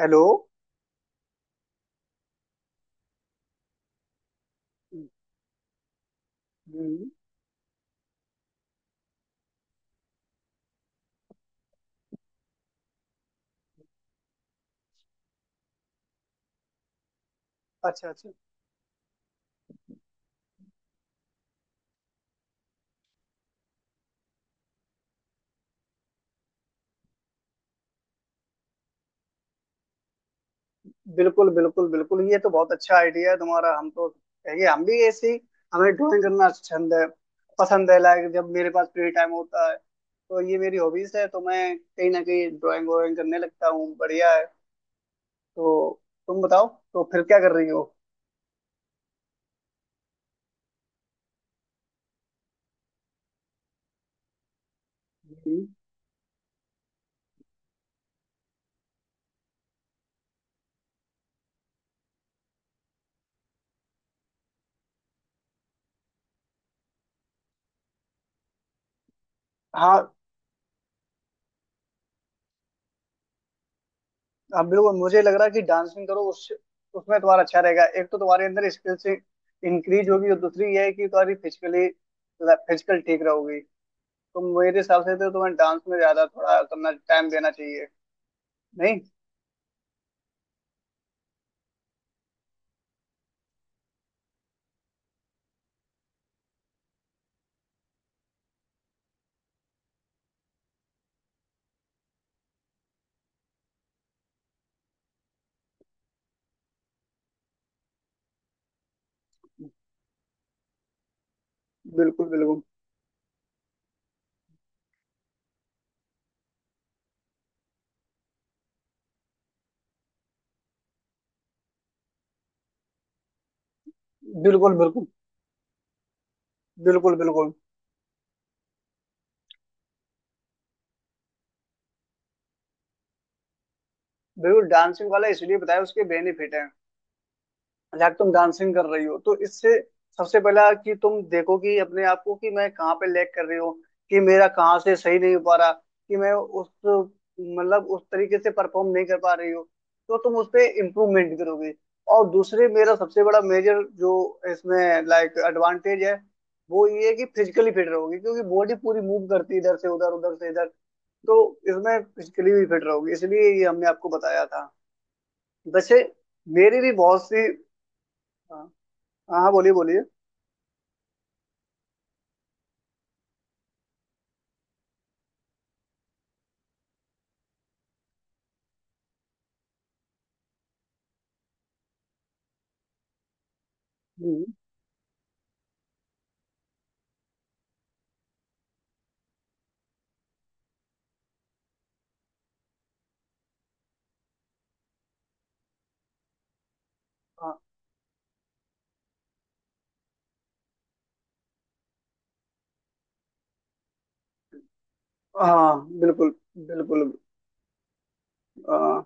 Hello. हम्म, अच्छा अच्छा। बिल्कुल बिल्कुल बिल्कुल, ये तो बहुत अच्छा आइडिया है तुम्हारा। हम तो कहेंगे हम भी ऐसी, हमें ड्राइंग करना छंद है, पसंद है। लाइक जब मेरे पास फ्री टाइम होता है तो ये मेरी हॉबीज है, तो मैं कहीं ना कहीं ड्राइंग व्राइंग करने लगता हूँ। बढ़िया है। तो तुम बताओ, तो फिर क्या कर रही हो। हम्म, हाँ हाँ, बिल्कुल मुझे लग रहा है कि डांसिंग करो। उस उसमें तुम्हारा अच्छा रहेगा। एक तो तुम्हारे अंदर स्किल्स इंक्रीज होगी और दूसरी ये है कि तुम्हारी फिजिकली फिजिकल ठीक रहोगी। तो मेरे हिसाब से तो तुम्हें डांस में ज्यादा थोड़ा करना, टाइम देना चाहिए। नहीं। बिल्कुल बिल्कुल बिल्कुल। बिल्कुल बिल्कुल बिल्कुल। बिल्कुल डांसिंग वाला इसलिए बताया, उसके बेनिफिट है। लाइक तुम डांसिंग कर रही हो तो इससे सबसे पहला कि तुम देखो कि अपने आप को, कि मैं कहाँ पे लैग कर रही हूँ, कि मेरा कहाँ से सही नहीं हो पा रहा, कि मैं उस, मतलब उस तरीके से परफॉर्म नहीं कर पा रही हूँ। तो तुम उस पे इम्प्रूवमेंट करोगे। और दूसरे मेरा सबसे बड़ा मेजर जो इसमें लाइक एडवांटेज है वो ये है कि फिजिकली फिट रहोगे क्योंकि बॉडी पूरी मूव करती है इधर से उधर, उधर से इधर। तो इसमें फिजिकली भी फिट रहोगे, इसलिए ये हमने आपको बताया था। वैसे मेरी भी बहुत सी। हाँ। हाँ हाँ, बोलिए बोलिए। हम्म, हाँ हाँ, बिल्कुल बिल्कुल। आ,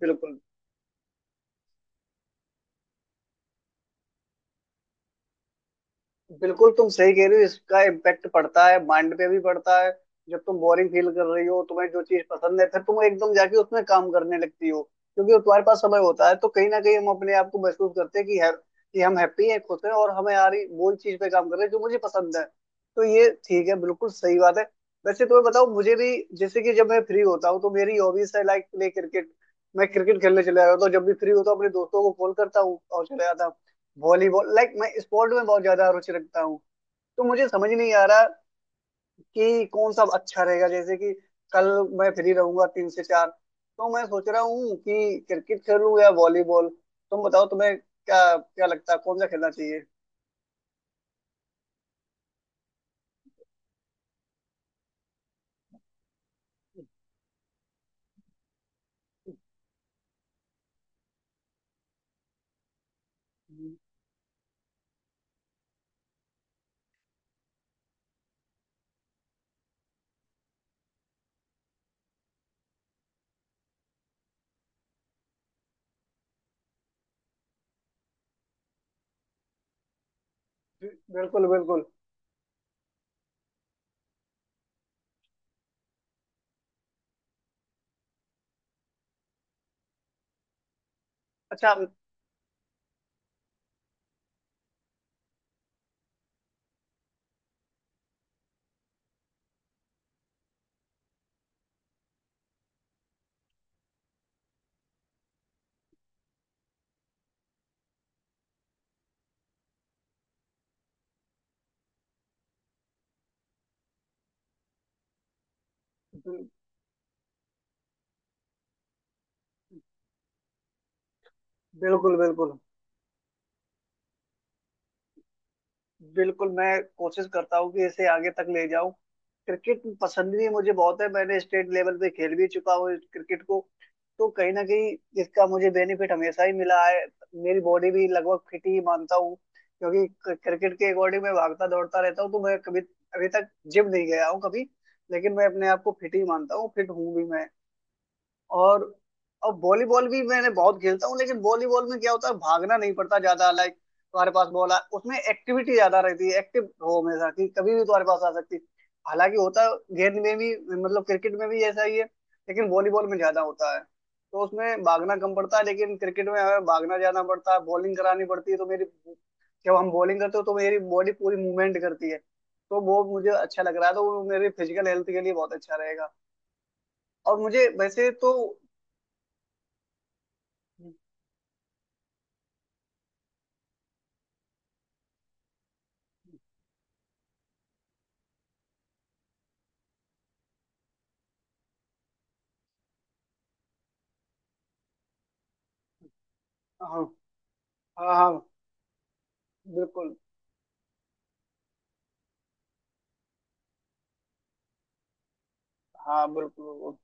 बिल्कुल। बिल्कुल तुम सही कह रहे हो। इसका इम्पेक्ट पड़ता है, माइंड पे भी पड़ता है। जब तुम बोरिंग फील कर रही हो, तुम्हें जो चीज पसंद है, फिर तुम एकदम जाके उसमें काम करने लगती हो क्योंकि तुम्हारे पास समय होता है। तो कहीं ना कहीं हम अपने आप को महसूस करते हैं कि है, कि हम हैप्पी हैं, खुश हैं, और हमें आ रही वो चीज पे काम कर रहे हैं जो मुझे पसंद है। तो ये ठीक है, बिल्कुल सही बात है। वैसे तुम्हें बताओ, मुझे भी जैसे कि जब मैं फ्री होता हूँ तो मेरी हॉबीज है लाइक प्ले क्रिकेट। मैं क्रिकेट खेलने चले जाता हूँ, तो जब भी फ्री होता हूँ अपने दोस्तों को कॉल करता हूँ और चले जाता हूँ। वॉलीबॉल, लाइक मैं स्पोर्ट में बहुत ज्यादा रुचि रखता हूँ। तो मुझे समझ नहीं आ रहा कि कौन सा अच्छा रहेगा। जैसे कि कल मैं फ्री रहूंगा तीन से चार, तो मैं सोच रहा हूँ कि क्रिकेट खेलूँ या वॉलीबॉल। तुम बताओ तुम्हें क्या क्या लगता है, कौन सा खेलना चाहिए। बिल्कुल बिल्कुल। अच्छा। बिल्कुल बिल्कुल। बिल्कुल मैं कोशिश करता हूँ कि इसे आगे तक ले जाऊं। क्रिकेट पसंद भी मुझे बहुत है, मैंने स्टेट लेवल पे खेल भी चुका हूँ क्रिकेट को। तो कहीं ना कहीं इसका मुझे बेनिफिट हमेशा ही मिला है। मेरी बॉडी भी लगभग फिट ही मानता हूँ, क्योंकि क्रिकेट के अकॉर्डिंग मैं भागता दौड़ता रहता हूँ। तो मैं कभी, अभी तक जिम नहीं गया हूँ कभी, लेकिन मैं अपने आप को फिट ही मानता हूँ, फिट हूँ भी मैं। और और वॉलीबॉल भी मैंने बहुत खेलता हूँ, लेकिन वॉलीबॉल में क्या होता है भागना नहीं पड़ता ज्यादा। लाइक तुम्हारे पास बॉल आ, उसमें एक्टिविटी ज्यादा रहती है, एक्टिव रहो हमेशा कि कभी भी तुम्हारे पास आ सकती है। हालांकि होता है गेंद में भी, मतलब क्रिकेट में भी ऐसा ही है, लेकिन वॉलीबॉल में ज्यादा होता है। तो उसमें भागना कम पड़ता है, लेकिन क्रिकेट में हमें भागना जाना पड़ता है, बॉलिंग करानी पड़ती है। तो मेरी, जब हम बॉलिंग करते हो तो मेरी बॉडी पूरी मूवमेंट करती है। तो वो मुझे अच्छा लग रहा है, तो वो मेरे फिजिकल हेल्थ के लिए बहुत अच्छा रहेगा। और मुझे वैसे तो। हाँ हाँ। हाँ, बिल्कुल। हाँ, बिल्कुल बिल्कुल।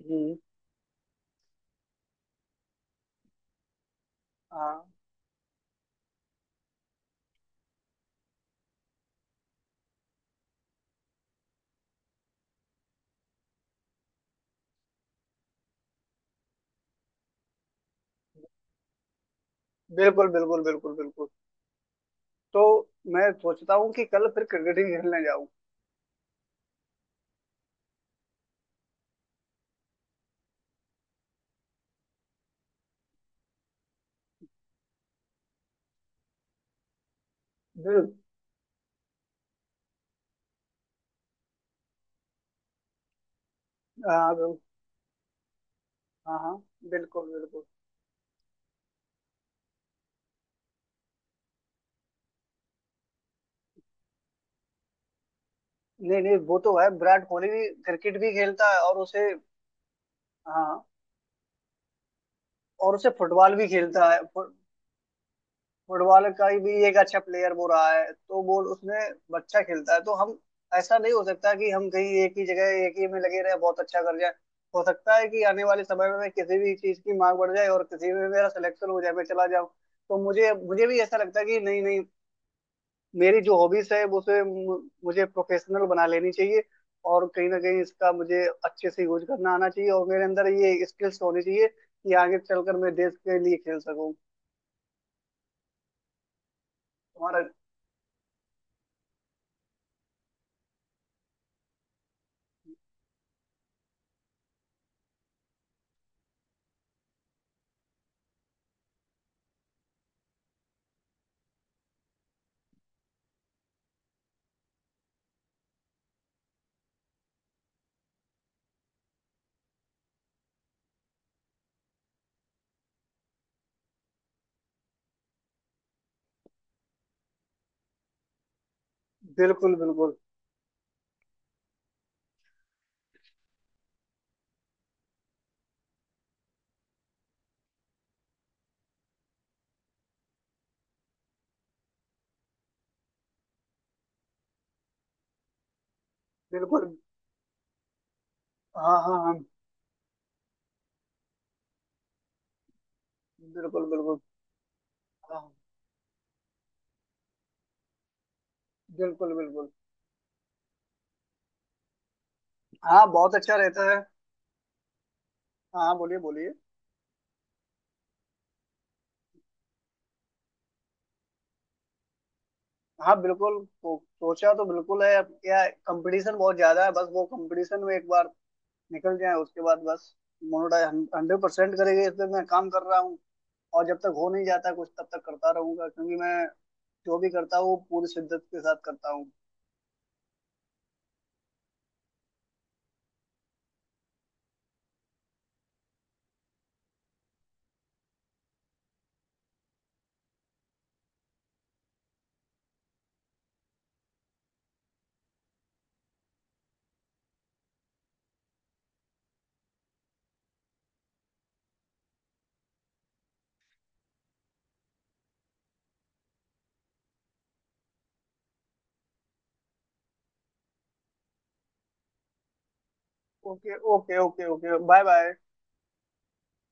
हम्म। हाँ, बिल्कुल बिल्कुल। बिल्कुल बिल्कुल। तो मैं सोचता हूँ कि कल फिर क्रिकेट ही खेलने जाऊँ। बिल हाँ। हाँ हाँ। बिल्कुल बिल्कुल। नहीं नहीं, वो तो है, विराट कोहली भी क्रिकेट भी खेलता है और उसे। हाँ, और उसे फुटबॉल भी खेलता है। फुटबॉल का ही भी एक अच्छा प्लेयर वो रहा है, तो वो उसने अच्छा खेलता है। तो हम, ऐसा नहीं हो सकता कि हम कहीं एक ही जगह एक ही में लगे रहे बहुत अच्छा कर जाए। हो सकता है कि आने वाले समय में मैं किसी भी चीज की मांग बढ़ जाए और किसी में मेरा सिलेक्शन हो जाए, मैं चला जाऊं। तो मुझे मुझे भी ऐसा लगता है कि नहीं नहीं, मेरी जो हॉबीज है वो उसे, मुझे प्रोफेशनल बना लेनी चाहिए। और कहीं ना कहीं इसका मुझे अच्छे से यूज करना आना चाहिए, और मेरे अंदर ये स्किल्स होनी चाहिए कि आगे चलकर मैं देश के लिए खेल सकूं। तुम्हारा। बिल्कुल बिल्कुल बिल्कुल। हाँ हाँ हाँ, बिल्कुल बिल्कुल। हाँ, बिल्कुल बिल्कुल। हाँ, बहुत अच्छा रहता है। हाँ, बोलिए बोलिए। हाँ बिल्कुल तो, सोचा तो बिल्कुल है। अब क्या कंपटीशन बहुत ज्यादा है, बस वो कंपटीशन में एक बार निकल जाए उसके बाद बस, मोनोडाई 100% करेंगे। इस पे मैं काम कर रहा हूँ, और जब तक हो नहीं जाता कुछ तब तक करता रहूंगा, क्योंकि मैं जो भी करता हूँ वो पूरी शिद्दत के साथ करता हूँ। Okay okay okay okay, bye bye.